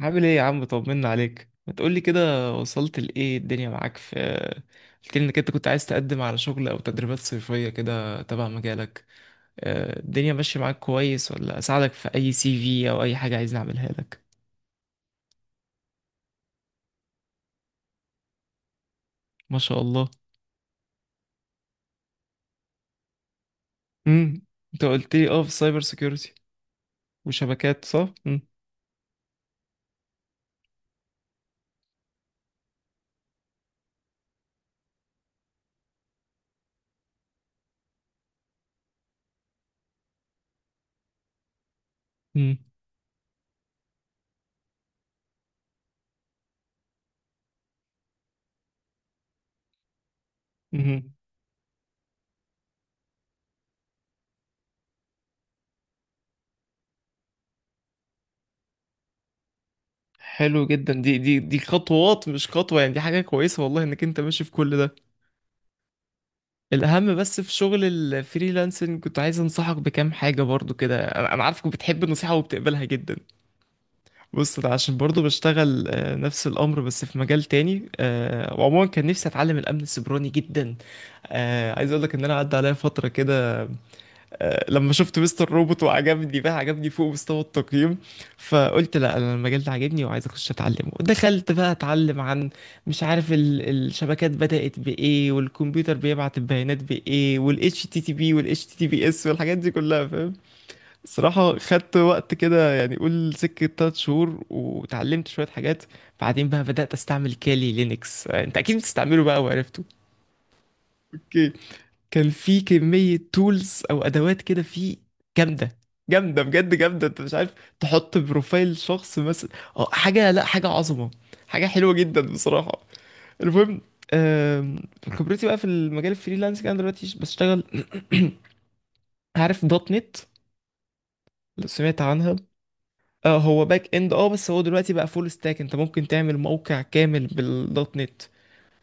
عامل ايه يا عم؟ طمنا عليك، ما تقولي كده وصلت لايه الدنيا معاك؟ في، قلت لي انك انت كنت عايز تقدم على شغل او تدريبات صيفية كده تبع مجالك. الدنيا ماشية معاك كويس، ولا اساعدك في اي سي في او اي حاجة عايز نعملها لك؟ ما شاء الله. امم انت قلت لي في سايبر سيكيورتي وشبكات، صح؟ امم أمم. حلو جدا، دي خطوات مش خطوة، يعني دي حاجة كويسة، والله انك انت ماشي في كل ده. الأهم، بس في شغل الفريلانسنج كنت عايز أنصحك بكام حاجة برضو كده، أنا عارفك بتحب النصيحة وبتقبلها جدا. بص، أنا عشان برضو بشتغل نفس الأمر بس في مجال تاني، وعموما كان نفسي أتعلم الأمن السيبراني جدا. عايز أقول لك إن أنا عدى عليا فترة كده، لما شفت مستر روبوت وعجبني، بقى عجبني فوق مستوى التقييم. فقلت لا، انا المجال ده عاجبني وعايز اخش اتعلمه. دخلت بقى اتعلم عن، مش عارف، الشبكات بدأت بايه، والكمبيوتر بيبعت البيانات بايه، والاتش تي تي بي والاتش تي تي بي اس والحاجات دي كلها، فاهم. الصراحة خدت وقت كده، يعني قول سكة 3 شهور وتعلمت شوية حاجات. بعدين بقى بدأت استعمل كالي لينكس، انت اكيد بتستعمله بقى وعرفته. كان في كمية تولز أو أدوات كده، في، جامدة. جامدة، بجد جامدة، أنت مش عارف. تحط بروفايل شخص مثلا. أه حاجة، لأ، حاجة عظمة. حاجة حلوة جدا بصراحة. المهم، آم، خبرتي بقى في المجال الفريلانسنج، أنا دلوقتي بشتغل. عارف دوت نت، لو سمعت عنها. هو باك اند، بس هو دلوقتي بقى فول ستاك، انت ممكن تعمل موقع كامل بالدوت نت.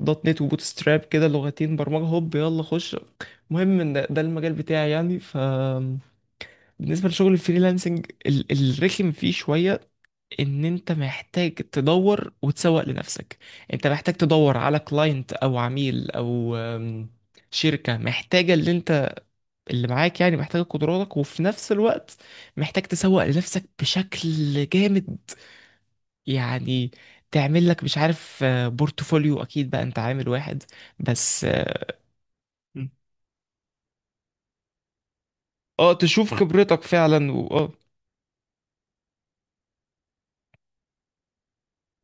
دوت نت وبوت ستراب كده، لغتين برمجة، هوب يلا خش. المهم ان ده المجال بتاعي، يعني ف، بالنسبة لشغل الفريلانسنج الرخم فيه شوية، ان انت محتاج تدور وتسوق لنفسك. انت محتاج تدور على كلاينت او عميل او، شركة محتاجة اللي انت، اللي معاك يعني، محتاجة قدراتك، وفي نفس الوقت محتاج تسوق لنفسك بشكل جامد يعني. تعمل لك مش عارف، بورتفوليو، اكيد بقى انت عامل واحد، بس مم. تشوف خبرتك فعلا، واه.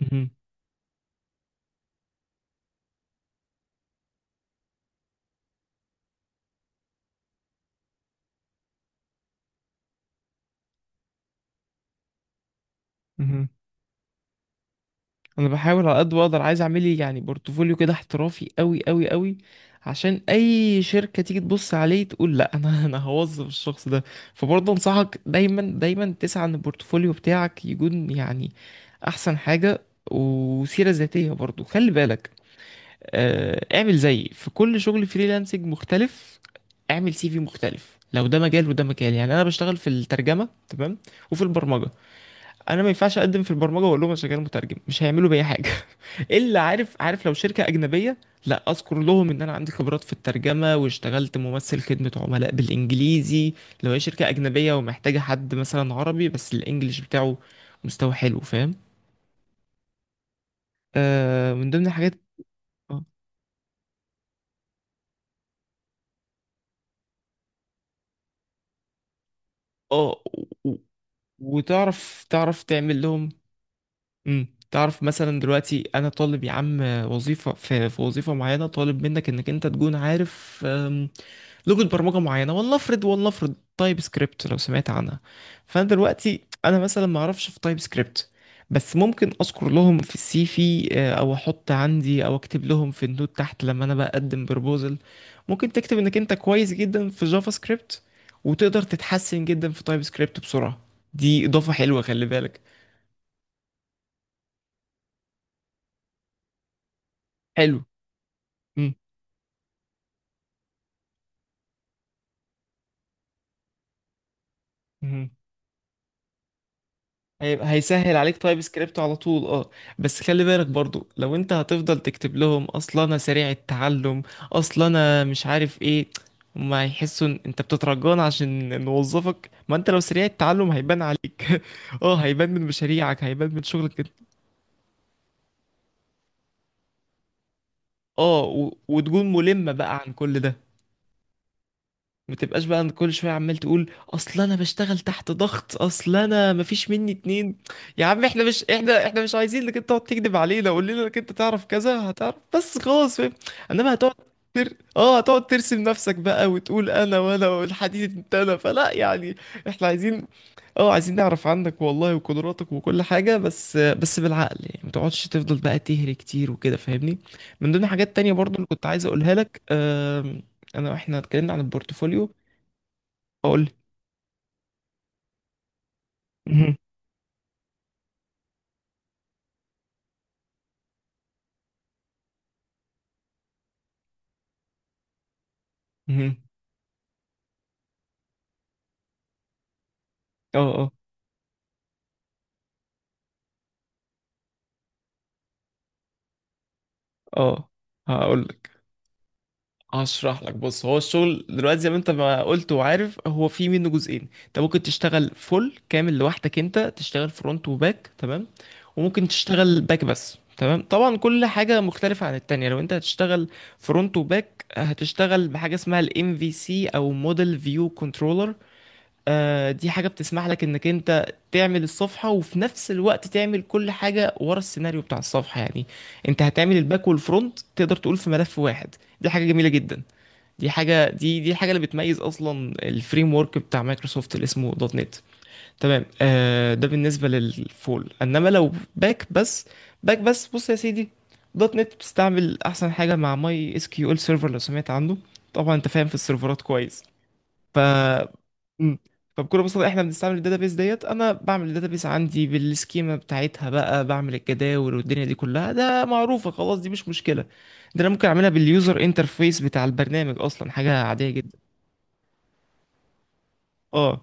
مهم. مهم. انا بحاول على قد ما اقدر، عايز اعمل لي يعني بورتفوليو كده احترافي قوي قوي قوي، عشان اي شركه تيجي تبص عليه تقول لا انا انا هوظف الشخص ده. فبرضه انصحك دايما دايما تسعى ان البورتفوليو بتاعك يكون يعني احسن حاجه. وسيره ذاتيه برضه خلي بالك، اعمل زيي في كل شغل فريلانسنج مختلف. اعمل سي في مختلف، لو ده مجال وده مجال، يعني انا بشتغل في الترجمه تمام، وفي البرمجه. انا ما ينفعش اقدم في البرمجه واقول لهم انا شغال مترجم، مش هيعملوا بيا حاجه. الا عارف لو شركه اجنبيه، لا اذكر لهم ان انا عندي خبرات في الترجمه واشتغلت ممثل خدمه عملاء بالانجليزي. لو هي شركه اجنبيه ومحتاجه حد مثلا عربي بس الانجليش بتاعه مستوى حلو، فاهم. من ضمن الحاجات، اه آه، و- و- وتعرف تعمل لهم. تعرف مثلا دلوقتي، انا طالب يا عم وظيفه في وظيفه معينه، طالب منك انك انت تكون عارف، لغه برمجه معينه. والله افرض تايب سكريبت، لو سمعت عنها. فانا دلوقتي انا مثلا ما اعرفش في تايب سكريبت، بس ممكن اذكر لهم في السي في، او احط عندي، او اكتب لهم في النوت تحت لما انا بقدم بروبوزل. ممكن تكتب انك انت كويس جدا في جافا سكريبت، وتقدر تتحسن جدا في تايب سكريبت بسرعه. دي اضافه حلوه خلي بالك. حلو. مهم. هيسهل عليك تايب سكريبت على طول، اه. بس خلي بالك برضو، لو انت هتفضل تكتب لهم اصلا انا سريع التعلم، اصلا انا مش عارف ايه، هما هيحسوا ان انت بتترجانا عشان نوظفك. ما انت لو سريع التعلم هيبان عليك اه هيبان من مشاريعك، هيبان من شغلك. وتكون ملم بقى عن كل ده، ما تبقاش بقى كل شويه عمال تقول اصل انا بشتغل تحت ضغط، اصل انا مفيش مني اتنين. يا عم، احنا مش عايزين انك انت تقعد تكذب علينا، قول لنا انك انت تعرف كذا، هتعرف بس خلاص، فاهم. انما هتقعد تر... اه هتقعد ترسم نفسك بقى وتقول انا وانا والحديد، انت انا، فلا يعني. احنا عايزين، اه عايزين نعرف عنك والله، وقدراتك وكل حاجه، بس بالعقل يعني، ما تقعدش تفضل بقى تهري كتير وكده، فاهمني. من ضمن حاجات تانية برضو اللي كنت عايز اقولها لك، واحنا اتكلمنا عن البورتفوليو، اقول لك. مهم. مهم. اه. اه. اه هقول لك، هشرح لك. بص، هو الشغل دلوقتي زي ما انت ما قلت وعارف، هو في منه جزئين. انت ممكن تشتغل فول كامل لوحدك، انت تشتغل فرونت وباك تمام، وممكن تشتغل باك بس تمام. طبعا كل حاجة مختلفة عن التانية. لو انت هتشتغل فرونت وباك، هتشتغل بحاجة اسمها الام في سي، او موديل فيو كنترولر. دي حاجة بتسمح لك انك انت تعمل الصفحة، وفي نفس الوقت تعمل كل حاجة ورا السيناريو بتاع الصفحة يعني. انت هتعمل الباك والفرونت، تقدر تقول في ملف واحد. دي حاجة جميلة جدا. دي حاجة دي دي الحاجة اللي بتميز اصلا الفريم ورك بتاع مايكروسوفت اللي اسمه دوت نت. تمام، ده بالنسبة للفول. انما لو باك بس، باك بس، بص يا سيدي، دوت نت بتستعمل احسن حاجة مع ماي اس كيو ال سيرفر، لو سمعت عنه. طبعا انت فاهم في السيرفرات كويس. ف... امم فبكل بساطه احنا بنستعمل الداتابيس، ديت انا بعمل الداتابيس عندي بالسكيما بتاعتها، بقى بعمل الجداول والدنيا دي كلها، ده معروفه خلاص، دي مش مشكله. ده انا ممكن اعملها باليوزر انترفيس بتاع البرنامج، اصلا حاجه عاديه جدا. اه،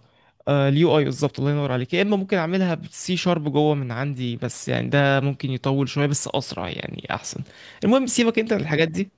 اليو اي بالظبط، الله ينور عليك. يا اما ممكن اعملها بالسي شارب جوه من عندي، بس يعني ده ممكن يطول شويه، بس اسرع يعني احسن. المهم سيبك انت من الحاجات دي.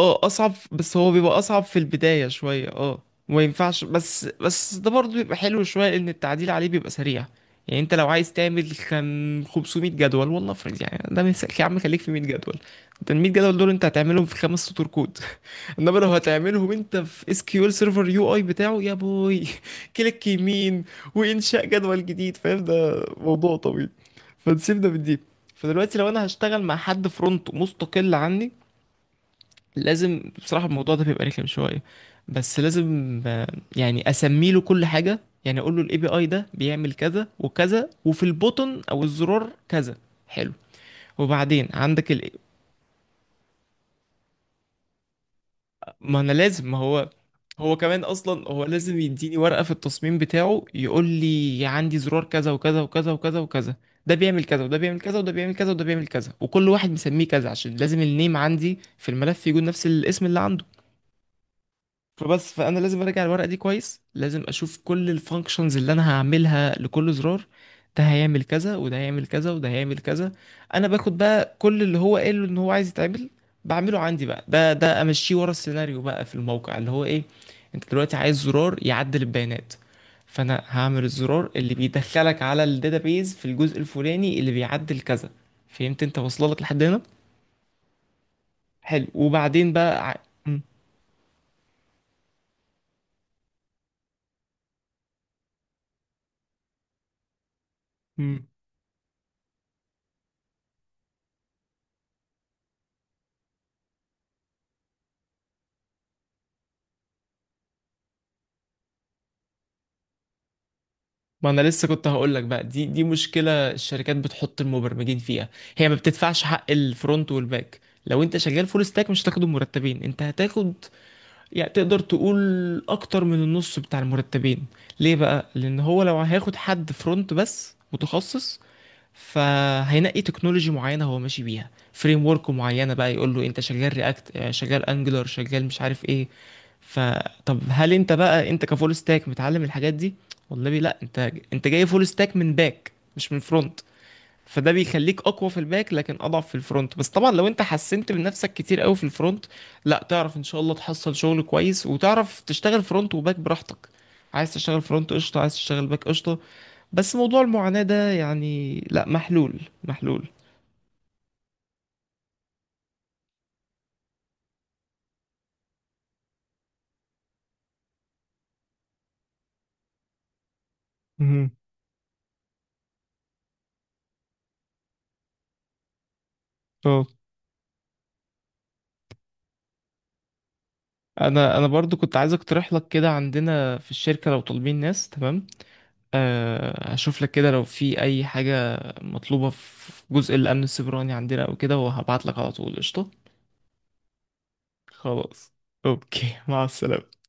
اه، اصعب، بس هو بيبقى اصعب في البداية شوية، وما ينفعش. بس ده برضه بيبقى حلو شوية، لان التعديل عليه بيبقى سريع. يعني انت لو عايز تعمل كان 500 جدول، والله افرض يعني ده مثال يا عم، خليك في 100 جدول. انت ال 100 جدول دول انت هتعملهم في 5 سطور كود. انما لو هتعملهم انت في اس كيو ال سيرفر يو اي بتاعه، يا بوي كليك يمين وانشاء جدول جديد، فاهم، ده موضوع طويل. فنسيب ده من دي. فدلوقتي لو انا هشتغل مع حد فرونت مستقل عني، لازم بصراحة الموضوع ده بيبقى رخم شوية، بس لازم، يعني اسمي له كل حاجة. يعني اقول له الاي بي اي ده بيعمل كذا وكذا، وفي البوتن او الزرار كذا، حلو، وبعدين عندك ال، ما انا لازم، ما هو، هو كمان اصلا هو لازم يديني ورقة في التصميم بتاعه، يقول لي عندي زرار كذا وكذا وكذا وكذا وكذا. ده بيعمل كذا، وده بيعمل كذا، وده بيعمل كذا، وده بيعمل كذا، وكل واحد مسميه كذا، عشان لازم النيم عندي في الملف يكون نفس الاسم اللي عنده. فبس، فانا لازم اراجع الورقه دي كويس، لازم اشوف كل الفانكشنز اللي انا هعملها لكل زرار، ده هيعمل كذا وده هيعمل كذا وده هيعمل كذا. انا باخد بقى كل اللي هو قاله ان هو عايز يتعمل، بعمله عندي بقى. ده امشيه ورا السيناريو بقى في الموقع اللي هو ايه. انت دلوقتي عايز زرار يعدل البيانات، فانا هعمل الزرار اللي بيدخلك على الداتابيز في الجزء الفلاني اللي بيعدل كذا. فهمت، انت واصله لك لحد هنا. حلو وبعدين بقى، ع... ما انا لسه كنت هقول لك بقى، دي مشكله الشركات بتحط المبرمجين فيها. هي ما بتدفعش حق الفرونت والباك، لو انت شغال فول ستاك مش هتاخد المرتبين، انت هتاخد، يعني تقدر تقول، اكتر من النص بتاع المرتبين. ليه بقى؟ لان هو لو هياخد حد فرونت بس متخصص، فهينقي تكنولوجي معينه هو ماشي بيها، فريم ورك معينه بقى، يقول له انت شغال رياكت، شغال انجلر، شغال مش عارف ايه. فطب هل انت بقى، انت كفول ستاك متعلم الحاجات دي؟ والله لا، انت جاي فول ستاك من باك مش من فرونت، فده بيخليك اقوى في الباك لكن اضعف في الفرونت. بس طبعا لو انت حسنت من نفسك كتير قوي في الفرونت، لا، تعرف ان شاء الله تحصل شغل كويس وتعرف تشتغل فرونت وباك براحتك. عايز تشتغل فرونت قشطه، عايز تشتغل باك قشطه. بس موضوع المعاناة ده يعني، لا، محلول محلول. مهم. اه انا برضو كنت عايز اقترح لك كده عندنا في الشركة، لو طالبين ناس تمام، هشوف لك كده لو في اي حاجة مطلوبة في جزء الامن السيبراني عندنا او كده، وهبعت لك على طول، قشطة. خلاص. اوكي، مع السلامة.